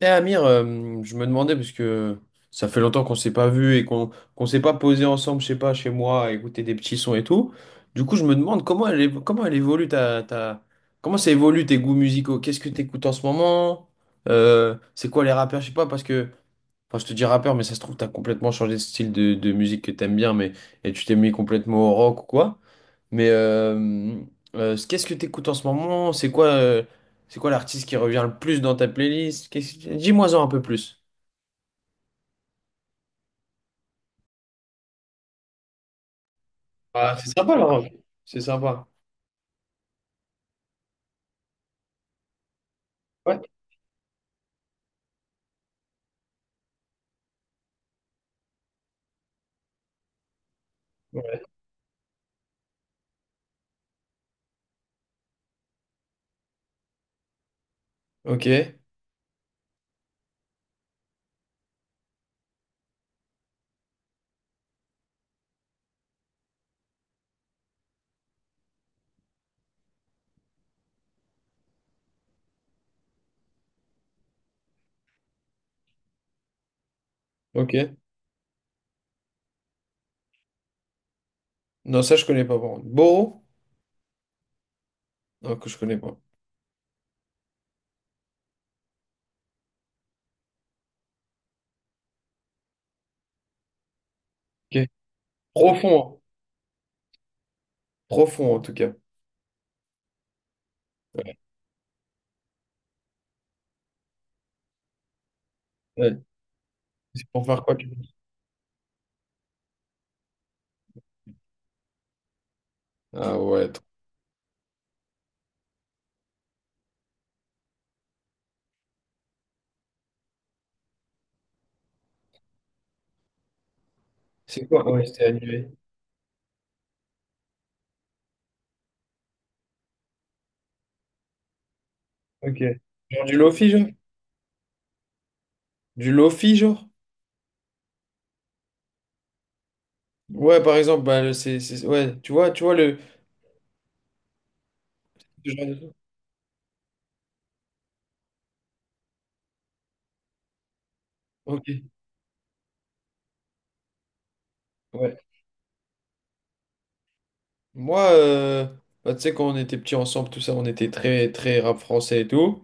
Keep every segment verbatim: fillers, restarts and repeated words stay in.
Eh Amir, euh, je me demandais, parce que ça fait longtemps qu'on s'est pas vu et qu'on qu'on s'est pas posé ensemble, je sais pas, chez moi, à écouter des petits sons et tout. Du coup, je me demande comment elle, évo- comment elle évolue ta, ta- comment ça évolue tes goûts musicaux? Qu'est-ce que t'écoutes en ce moment? Euh, c'est quoi les rappeurs? Je sais pas, parce que, enfin, je te dis rappeur, mais ça se trouve, t'as complètement changé de style de, de musique que t'aimes bien, mais et tu t'es mis complètement au rock ou quoi. Mais euh, euh, qu'est-ce que t'écoutes en ce moment? C'est quoi, euh, c'est quoi l'artiste qui revient le plus dans ta playlist? Qu'est-ce Dis-moi-en un peu plus. Ah, c'est sympa la robe. C'est sympa. Ouais. Ouais. Ok, ok. Non, ça je connais pas par contre. Boro? Non, que je connais pas. Ok. Profond, hein. Profond en tout cas. Ouais. C'est pour faire quoi tu penses? Ah ouais. Trop. C'est quoi? Ouais, c'était animé. Ok. Genre du lofi, genre? Du lofi, genre? Ouais, par exemple, bah, le- c'est, c'est- ouais, tu vois, tu vois le. ce genre de- Ok. Ouais. Moi, euh, bah, tu sais, quand on était petits ensemble, tout ça, on était très, très rap français et tout.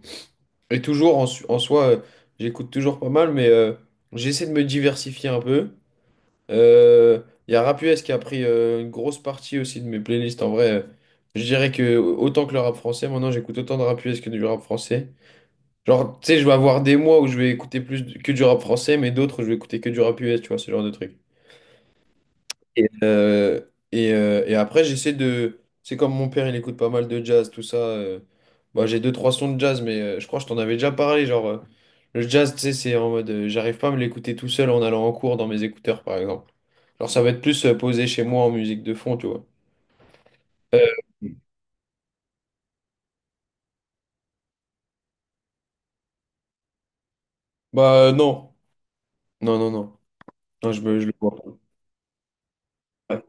Et toujours, en, su- en soi, euh, j'écoute toujours pas mal, mais euh, j'essaie de me diversifier un peu. Euh, Il y a Rap U S qui a pris euh, une grosse partie aussi de mes playlists. En vrai, euh, je dirais que autant que le rap français, maintenant, j'écoute autant de rap U S que du rap français. Genre, tu sais, je vais avoir des mois où je vais écouter plus que du rap français, mais d'autres, je vais écouter que du rap U S, tu vois, ce genre de truc. Et, euh, et, euh, et après, j'essaie de. C'est comme mon père, il écoute pas mal de jazz, tout ça. euh, Bah, j'ai deux, trois sons de jazz, mais euh, je crois que je t'en avais déjà parlé. Genre, euh, le jazz, tu sais, c'est en mode. Euh, j'arrive pas à me l'écouter tout seul en allant en cours dans mes écouteurs, par exemple. Alors ça va être plus euh, posé chez moi en musique de fond, tu vois. Euh, bah, euh, non. Non, non, non. Non, je me, je le vois pas. Ouais.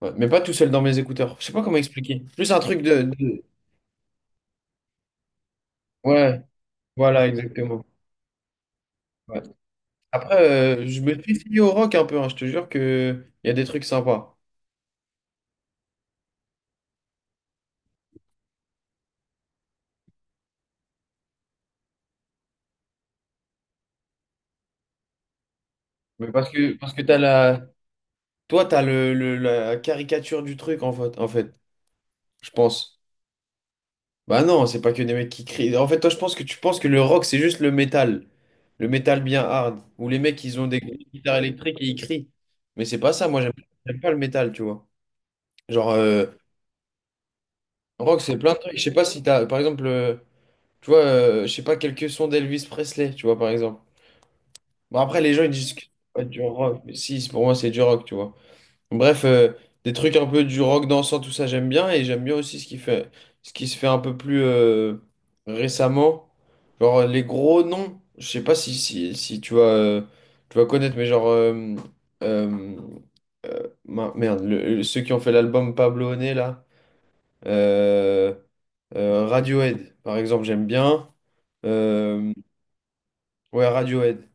Ouais. Mais pas tout seul dans mes écouteurs. Je sais pas comment expliquer. Plus un truc de... de- Ouais, voilà, exactement. Ouais. Après, euh, je me suis essayé au rock un peu, hein, je te jure que il y a des trucs sympas. Mais parce que parce que t'as la. Toi, t'as le, le- la caricature du truc en fait, en fait, je pense. Bah non, c'est pas que des mecs qui crient. En fait, toi, je pense que tu penses que le rock, c'est juste le métal. Le métal bien hard. Où les mecs, ils ont des guitares électriques et ils crient. Mais c'est pas ça, moi j'aime j'aime pas le métal, tu vois. Genre, euh, rock, c'est plein de trucs. Je sais pas si t'as, par exemple, euh, tu vois, euh, je sais pas, quelques sons d'Elvis Presley, tu vois, par exemple. Bon, après, les gens, ils disent que c'est pas du rock. Mais si, c'est- pour moi, c'est du rock, tu vois. Bref, euh, des trucs un peu du rock dansant, tout ça, j'aime bien. Et j'aime bien aussi ce qui fait, ce qui se fait un peu plus euh, récemment. Genre, euh, les gros noms. Je sais pas si, si, si tu vas, euh, tu vas connaître, mais genre... euh, euh, euh, ma- merde, le- le- ceux qui ont fait l'album Pablo Honey, là. Euh, euh, Radiohead, par exemple, j'aime bien. Euh, ouais, Radiohead.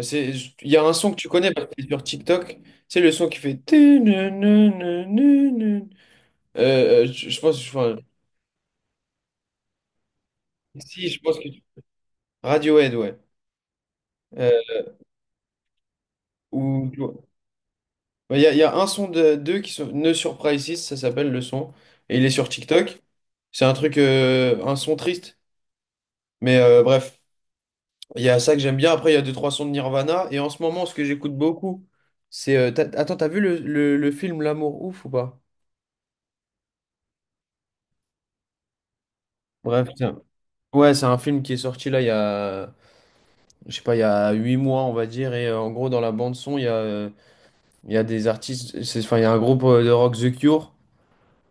C'est, il y a un son que tu connais parce que c'est sur TikTok. C'est le son qui fait. tu- nu- Euh, euh, je je pense. Enfin, si, je pense que. Radiohead, ouais. Euh, ou, tu vois. Ouais, il y a, il y a un son de deux qui sont. No Surprises, ça s'appelle le son. Et il est sur TikTok. C'est un truc. euh, un son triste. Mais euh, bref, il y a ça que j'aime bien. Après, il y a deux, trois sons de Nirvana. Et en ce moment, ce que j'écoute beaucoup, c'est. euh, t'as- attends, t'as vu le, le, le film L'amour ouf ou pas? Bref, c'est un- ouais, c'est un film qui est sorti là il y a. Je sais pas, il y a huit mois, on va dire, et euh, en gros, dans la bande son, il y a, euh, il y a des artistes, c'est, enfin, il y a un groupe euh, de rock The Cure,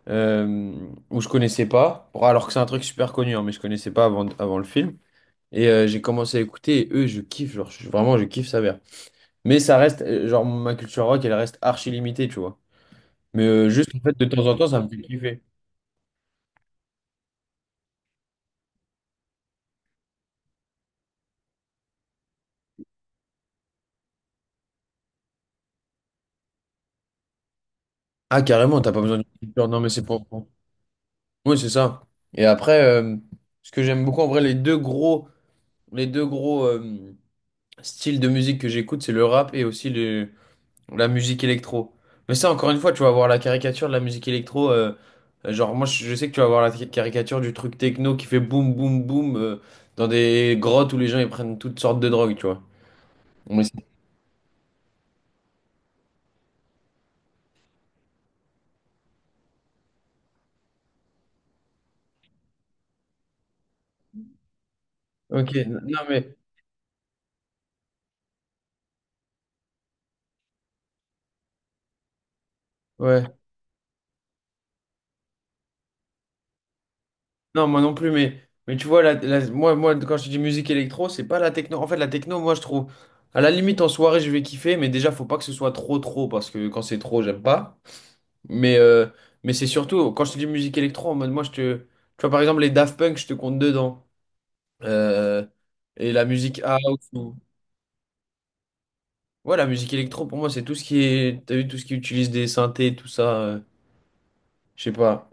euh, où je connaissais pas, bon, alors que c'est un truc super connu, hein, mais je connaissais pas avant, avant le film. Et euh, j'ai commencé à écouter, et eux, je kiffe, genre, je- vraiment, je kiffe Savère. Mais ça reste, euh, genre, ma culture rock, elle reste archi limitée, tu vois. Mais euh, juste, en fait, de temps en temps, ça me fait kiffer. Ah, carrément, t'as pas besoin d'une culture. Non, mais c'est pour. Oui, c'est ça. Et après, euh, ce que j'aime beaucoup, en vrai, les deux gros, les deux gros, euh, style de musique que j'écoute, c'est le rap et aussi le, la musique électro. Mais ça, encore une fois, tu vas voir la caricature de la musique électro. Euh, euh, genre, moi, je je sais que tu vas voir la tri- caricature du truc techno qui fait boum, boum, boum euh, dans des grottes où les gens ils prennent toutes sortes de drogues, tu vois. Mais c'est- ok, n- non, mais ouais. Non, moi non plus, mais, mais tu vois, la, la- moi, moi, quand je dis musique électro, c'est pas la techno. En fait, la techno, moi, je trouve, à la limite, en soirée, je vais kiffer, mais déjà, faut pas que ce soit trop, trop, parce que quand c'est trop, j'aime pas. Mais, euh, mais c'est surtout, quand je te dis musique électro, en mode moi, je te. Tu vois, par exemple, les Daft Punk, je te compte dedans. Euh, et la musique house. Ou... Ouais, la musique électro, pour moi, c'est tout ce qui est. T'as vu, tout ce qui utilise des synthés, tout ça. euh, je sais pas.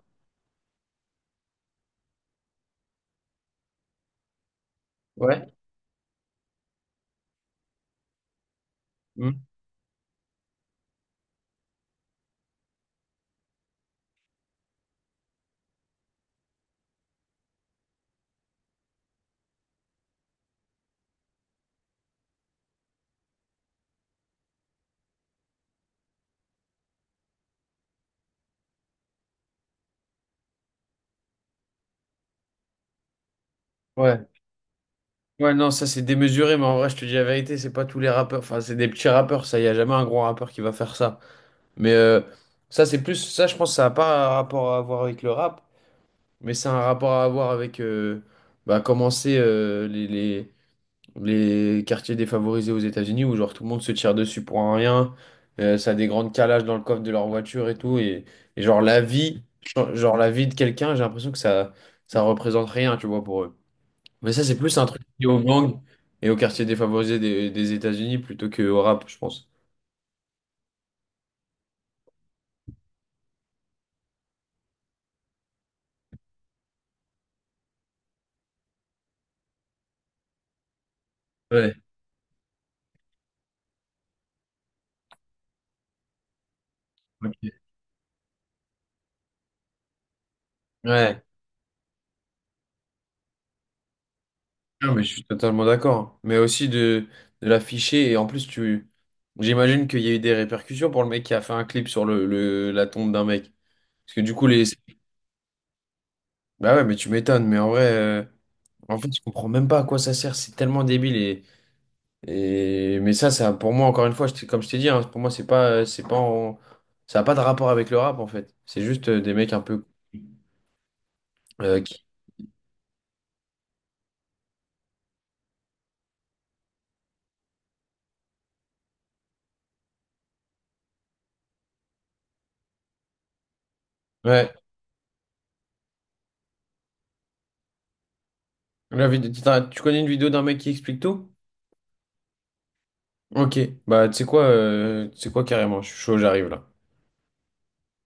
Ouais. Hmm. Ouais. Ouais, non, ça, c'est démesuré, mais en vrai, je te dis la vérité, c'est pas tous les rappeurs. Enfin, c'est des petits rappeurs, ça. Y a jamais un gros rappeur qui va faire ça. Mais euh, ça, c'est plus. Ça, je pense, ça a pas un rapport à voir avec le rap, mais c'est un rapport à avoir avec. euh, bah, commencer euh, les... les- les quartiers défavorisés aux États-Unis où genre tout le monde se tire dessus pour un rien, euh, ça a des grandes calages dans le coffre de leur voiture et tout et, et genre la vie, genre la vie de quelqu'un, j'ai l'impression que ça ça représente rien, tu vois pour eux. Mais ça c'est plus un truc lié aux gangs et aux quartiers défavorisés des, des États-Unis plutôt que au rap, je pense. Ouais, ok. Ouais. Non, mais je suis totalement d'accord. Mais aussi de, de l'afficher et en plus tu j'imagine qu'il y a eu des répercussions pour le mec qui a fait un clip sur le, le- la tombe d'un mec. Parce que du coup, les. Bah ouais, mais tu m'étonnes, mais en vrai, euh, en fait, je comprends même pas à quoi ça sert, c'est tellement débile et, et mais ça, ça, pour moi, encore une fois, je t'ai- comme je t'ai dit, hein, pour moi, c'est pas, euh, c'est pas en- ça a pas de rapport avec le rap, en fait. C'est juste euh, des mecs un peu, euh, qui... Ouais, la vid- t'as- tu connais une vidéo d'un mec qui explique tout? Ok, bah tu sais quoi, euh, tu sais quoi carrément, je suis chaud, j'arrive là.